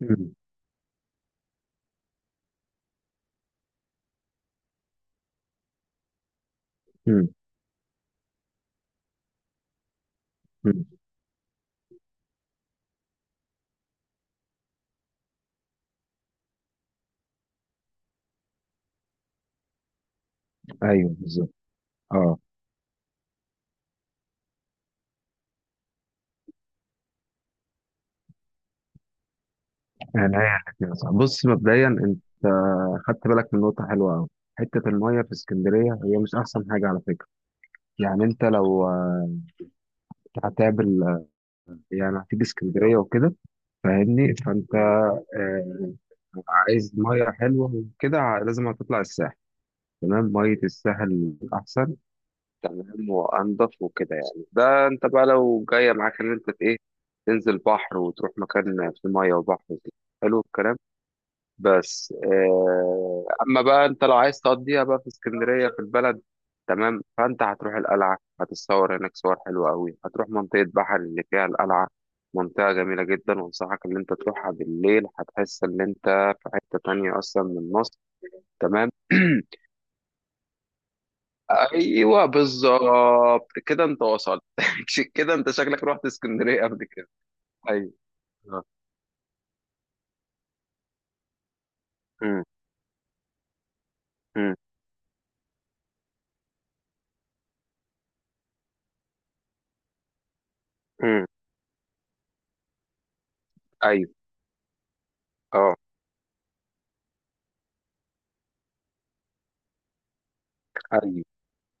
مم. مم. مم. ايوه بالظبط، اه يعني هي كده صح. بص مبدئيا انت خدت بالك من نقطه حلوه قوي. حته الميه في اسكندريه هي مش احسن حاجه على فكره. يعني انت لو هتقابل يعني هتيجي اسكندريه وكده، فاهمني؟ فانت آه، عايز ميه حلوه وكده، لازم هتطلع الساحل. تمام، ميه الساحل احسن. تمام وانضف وكده. يعني ده انت بقى لو جايه معاك ان انت ايه، تنزل بحر وتروح مكان في ميه وبحر وكده. حلو الكلام. بس اما بقى انت لو عايز تقضيها بقى في اسكندريه في البلد. تمام، فانت هتروح القلعه، هتتصور هناك صور حلوه قوي، هتروح منطقه بحر اللي فيها القلعه. منطقه جميله جدا، وانصحك ان انت تروحها بالليل، هتحس ان انت في حته تانية اصلا من مصر. تمام. ايوه بالظبط كده انت وصلت. كده انت شكلك رحت اسكندريه قبل كده؟ ايوه. آه. مم. مم. مم. ايوه. اه. ايوه.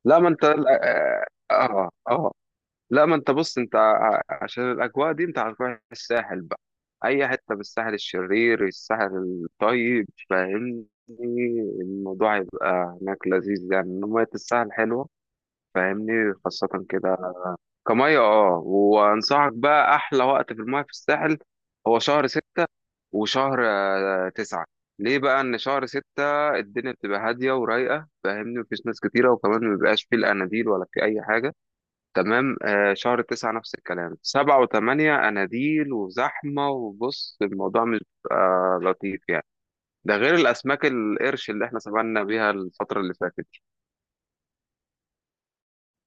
لا ما انت اه. اه آه. لا ما انت بص، انت عشان الاجواء دي انت هتروح الساحل بقى. اي حته بالساحل، الشرير الساحل الطيب، فاهمني؟ الموضوع هيبقى هناك لذيذ يعني، إن ميه الساحل حلوه، فاهمني؟ خاصه كده، كميه. اه وانصحك بقى، احلى وقت في الميه في الساحل هو شهر 6 وشهر تسعة. ليه بقى؟ ان شهر 6 الدنيا بتبقى هاديه ورايقه، فاهمني؟ مفيش ناس كتيره، وكمان مبيبقاش فيه الاناديل ولا فيه اي حاجه. تمام. شهر 9 نفس الكلام. 7 و8 أناديل وزحمة، وبص الموضوع مش بيبقى لطيف يعني. ده غير الأسماك القرش اللي احنا سافرنا بيها الفترة اللي فاتت.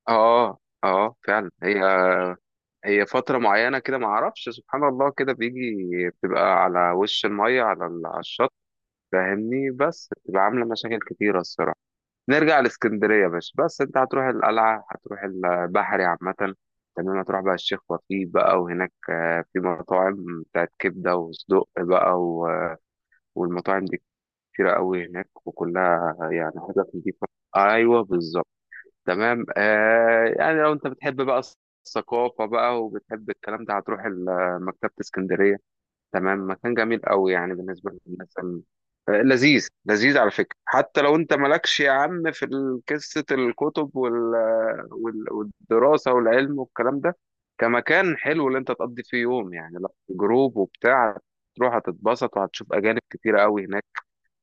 اه. اه. فعلا هي، هي فترة معينة كده، ما اعرفش، سبحان الله كده بيجي. بتبقى على وش المية، على على الشط، فاهمني؟ بس بتبقى عاملة مشاكل كتيرة الصراحة. نرجع لاسكندرية يا باشا. بس انت هتروح القلعة، هتروح البحري عامة. تمام، هتروح بقى الشيخ وفيق بقى، وهناك في مطاعم بتاعت كبدة وصدق بقى والمطاعم دي كتيرة قوي هناك، وكلها يعني حاجات نضيفة. ايوه بالظبط. تمام يعني لو انت بتحب بقى الثقافة بقى وبتحب الكلام ده، هتروح مكتبة اسكندرية. تمام، مكان جميل قوي يعني بالنسبة للناس لذيذ. لذيذ على فكرة. حتى لو انت مالكش يا عم في قصة الكتب والدراسة والعلم والكلام ده، كمكان حلو اللي انت تقضي فيه يوم يعني، لا جروب وبتاع. تروح هتتبسط، وهتشوف أجانب كتيرة قوي هناك.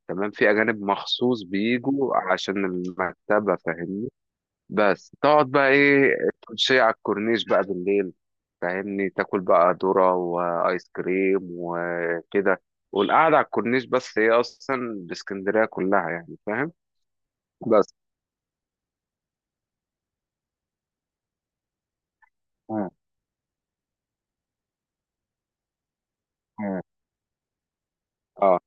تمام، في أجانب مخصوص بيجوا عشان المكتبة، فاهمني؟ بس تقعد بقى ايه، تمشي على الكورنيش بقى بالليل، فاهمني؟ تاكل بقى ذرة وايس كريم وكده. والقعدة على الكورنيش بس، هي اصلا باسكندرية كلها يعني، فاهم؟ بس. مم. مم. اه.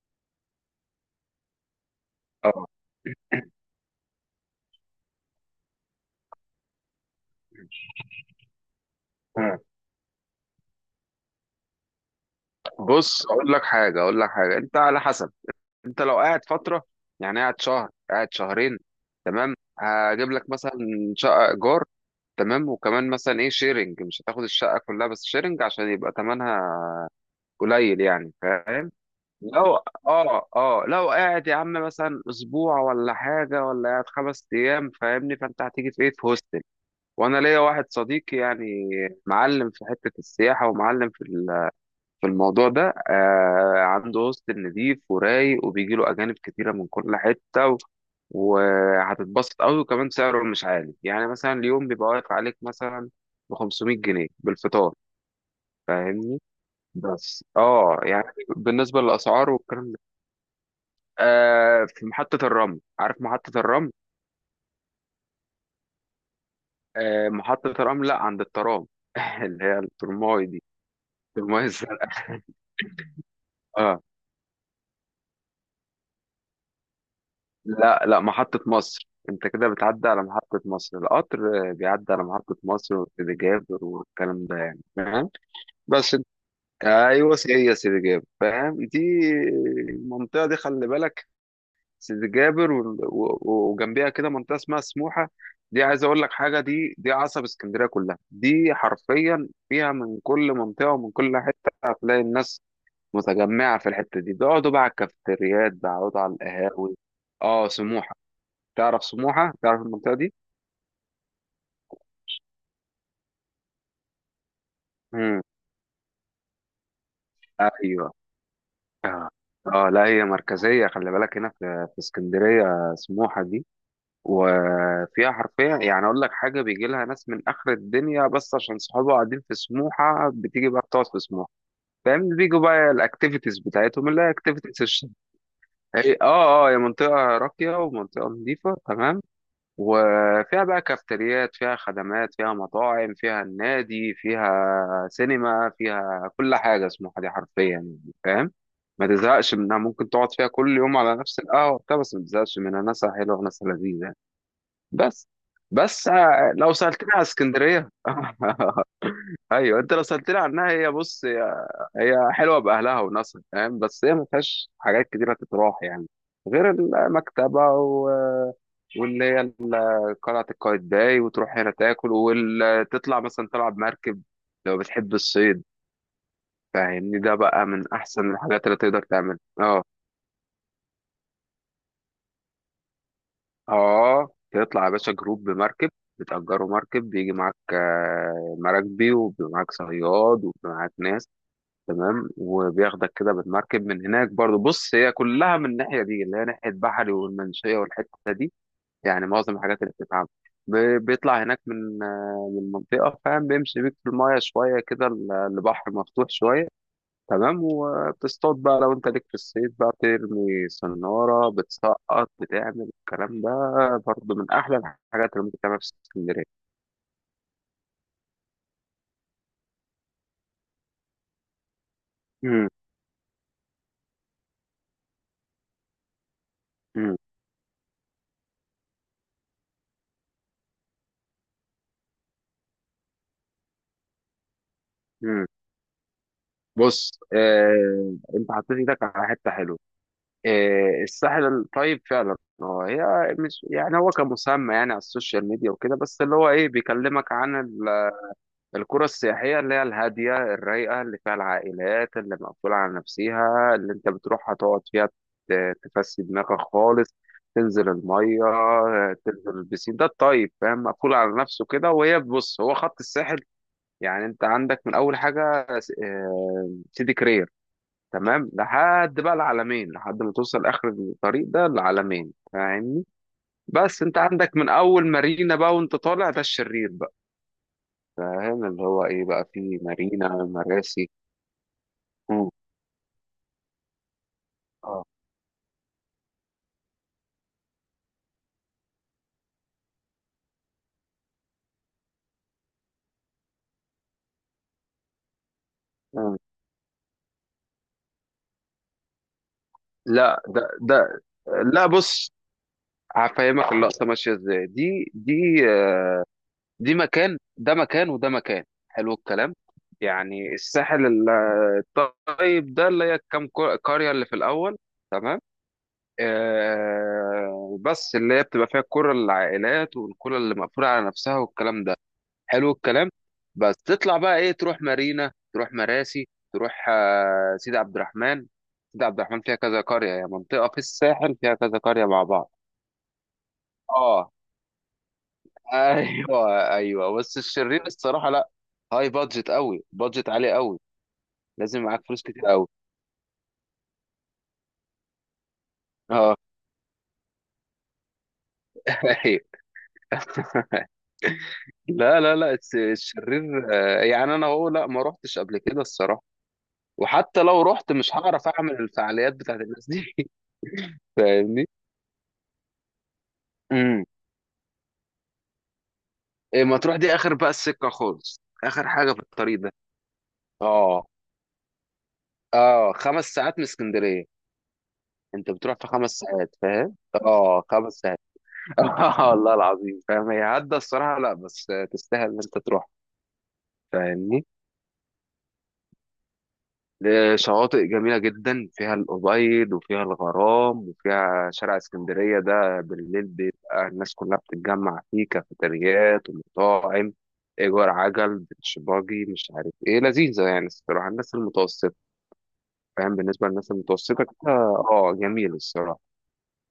اه. مم. بص اقول لك حاجة، اقول لك حاجة، انت على حسب. انت لو قاعد فترة، يعني قاعد شهر قاعد شهرين، تمام. هجيب لك مثلا شقة ايجار، تمام. وكمان مثلا ايه شيرنج، مش هتاخد الشقة كلها بس شيرنج عشان يبقى تمنها قليل يعني، فاهم؟ لو اه لو قاعد يا عم مثلا اسبوع ولا حاجه، ولا قاعد 5 ايام، فاهمني؟ فانت هتيجي في ايه، في هوستل. وانا ليا واحد صديقي يعني معلم في حته السياحه ومعلم في في الموضوع ده، عنده هوستل نضيف ورايق، وبيجي له اجانب كتيره من كل حته وهتتبسط قوي. وكمان سعره مش عالي يعني، مثلا اليوم بيبقى واقف عليك مثلا ب 500 جنيه بالفطار، فاهمني؟ بس اه يعني، بالنسبة للأسعار والكلام ده في محطة الرمل، عارف محطة الرمل؟ محطة الرمل، لا عند الترام. اللي هي الترماي دي، الترماي الزرق. اه. لا لا محطة مصر، انت كده بتعدي على محطة مصر. القطر بيعدي على محطة مصر وسيدي جابر والكلام ده يعني، فاهم؟ بس انت- ايوه، هي سيدي جابر، فاهم دي؟ المنطقة دي خلي بالك، سيدي جابر و وجنبيها كده منطقه اسمها سموحه. دي عايز اقول لك حاجه، دي عصب اسكندريه كلها، دي حرفيا فيها من كل منطقه ومن كل حته، هتلاقي الناس متجمعه في الحته دي، بيقعدوا بقى على الكافيتريات، بيقعدوا على القهاوي. اه سموحه، تعرف سموحه؟ تعرف المنطقه دي؟ امم. ايوه. اه. لا هي مركزيه خلي بالك هنا في في اسكندريه سموحه دي. وفيها حرفيا يعني، اقول لك حاجه، بيجي لها ناس من اخر الدنيا، بس عشان صحابها قاعدين في سموحه بتيجي بقى بتقعد في سموحه، فاهم؟ بيجوا بقى الاكتيفيتيز بتاعتهم اللي هي اكتيفيتيز الشتاء. هي منطقه راقيه ومنطقه نظيفه، تمام. وفيها بقى كافتريات، فيها خدمات، فيها مطاعم، فيها النادي، فيها سينما، فيها كل حاجه. سموحه دي حرفيا يعني، فاهم؟ ما تزهقش منها، ممكن تقعد فيها كل يوم على نفس القهوه بتاع بس ما تزهقش منها، ناسها حلوه وناسها لذيذه. بس. بس لو سألتني على اسكندرية، ايوه انت لو سألتني عنها، هي بص، هي هي حلوة بأهلها وناسها، فاهم؟ بس هي ما فيهاش حاجات كتيرة تتراح يعني، غير المكتبة واللي هي قلعة قايتباي، وتروح هنا تاكل وتطلع مثلا تلعب مركب لو بتحب الصيد، فاهمني؟ ده بقى من أحسن الحاجات اللي تقدر تعملها. اه. اه، تطلع يا باشا جروب بمركب، بتأجروا مركب، بيجي معاك مراكبي وبيبقى معاك صياد وبيبقى معاك ناس، تمام. وبياخدك كده بالمركب من هناك برضو. بص هي كلها من الناحية دي اللي هي ناحية بحري والمنشية والحتة دي، يعني معظم الحاجات اللي بتتعمل ب- بيطلع هناك من من المنطقة، فاهم؟ بيمشي بيك في المايه شوية كده، البحر مفتوح شوية، تمام. وبتصطاد بقى لو انت ليك في الصيد بقى، ترمي صنارة بتسقط، بتعمل الكلام ده. برضه من أحلى الحاجات اللي ممكن تعملها في اسكندرية. مم، مم، مم. بص انت حطيت ايدك على حتة حلوة. الساحل الطيب فعلا. هو هي مش يعني، هو كمسمى يعني على السوشيال ميديا وكده، بس اللي هو ايه، بيكلمك عن القرى السياحية اللي هي الهادية الرايقة اللي فيها العائلات اللي مقفولة على نفسها، اللي انت بتروحها تقعد فيها تفسي دماغك خالص. تنزل المية، تنزل البسين. ده الطيب، فاهم؟ مقفول على نفسه كده. وهي بص هو خط الساحل، يعني انت عندك من اول حاجة سيدي كرير تمام، لحد بقى العلمين، لحد ما توصل اخر الطريق ده العلمين، فاهمني؟ بس انت عندك من اول مارينا بقى وانت طالع ده الشرير بقى، فاهم؟ اللي هو ايه بقى، في مارينا مراسي. مم. اه. مم. لا ده ده لا بص هفهمك اللقطه ماشيه ازاي. دي مكان، ده مكان، وده مكان. حلو الكلام. يعني الساحل الطيب ده اللي هي كام قريه اللي في الاول، تمام. بس اللي هي بتبقى فيها الكره للعائلات والكره اللي مقفوله على نفسها والكلام ده. حلو الكلام. بس تطلع بقى ايه، تروح مارينا، تروح مراسي، تروح سيدي عبد الرحمن. سيدي عبد الرحمن فيها كذا قرية، هي منطقة في الساحل فيها كذا قرية مع بعض. اه ايوه، ايوه بس الشرير الصراحة لا، هاي بادجت قوي، بادجت عالي قوي. لازم معاك فلوس كتير قوي. اه. أيوة. لا لا لا الشرير، يعني انا هو لا ما روحتش قبل كده الصراحة. وحتى لو رحت مش هعرف اعمل الفعاليات بتاعت الناس دي. فاهمني. إيه، مطروح دي اخر بقى السكه خالص، اخر حاجه في الطريق ده. اه. اه، 5 ساعات من اسكندريه، انت بتروح في 5 ساعات، فاهم؟ اه خمس ساعات. اه والله العظيم، فاهم؟ هي عدى الصراحه لا، بس تستاهل ان انت تروح، فاهمني؟ شواطئ جميله جدا، فيها الابيض وفيها الغرام، وفيها شارع اسكندريه ده بالليل بيبقى الناس كلها بتتجمع فيه، كافيتريات ومطاعم، ايجار عجل بيتش باجي مش عارف ايه، لذيذه يعني الصراحه، الناس المتوسطه، فاهم؟ بالنسبة للناس المتوسطة كده اه جميل الصراحة.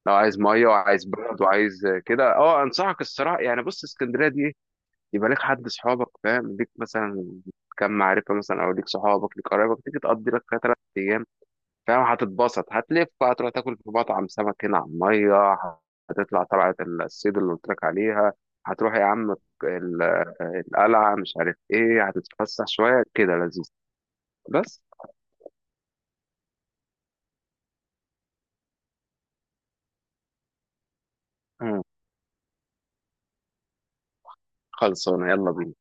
لو عايز مية وعايز برد وعايز كده اه، انصحك الصراحة يعني. بص اسكندرية دي إيه؟ يبقى ليك حد صحابك، فاهم؟ ليك مثلا كم معرفة، مثلا او ليك صحابك، ليك قرايبك، تيجي تقضي لك فيها 3 ايام، فاهم؟ هتتبسط، هتلف، هتروح تاكل في مطعم سمك هنا على المية، هتطلع طلعة الصيد اللي قلت لك عليها، هتروح يا عم ال- القلعة، مش عارف ايه، هتتفسح شوية كده، لذيذ. بس. مم. خلصانة، يلا بينا.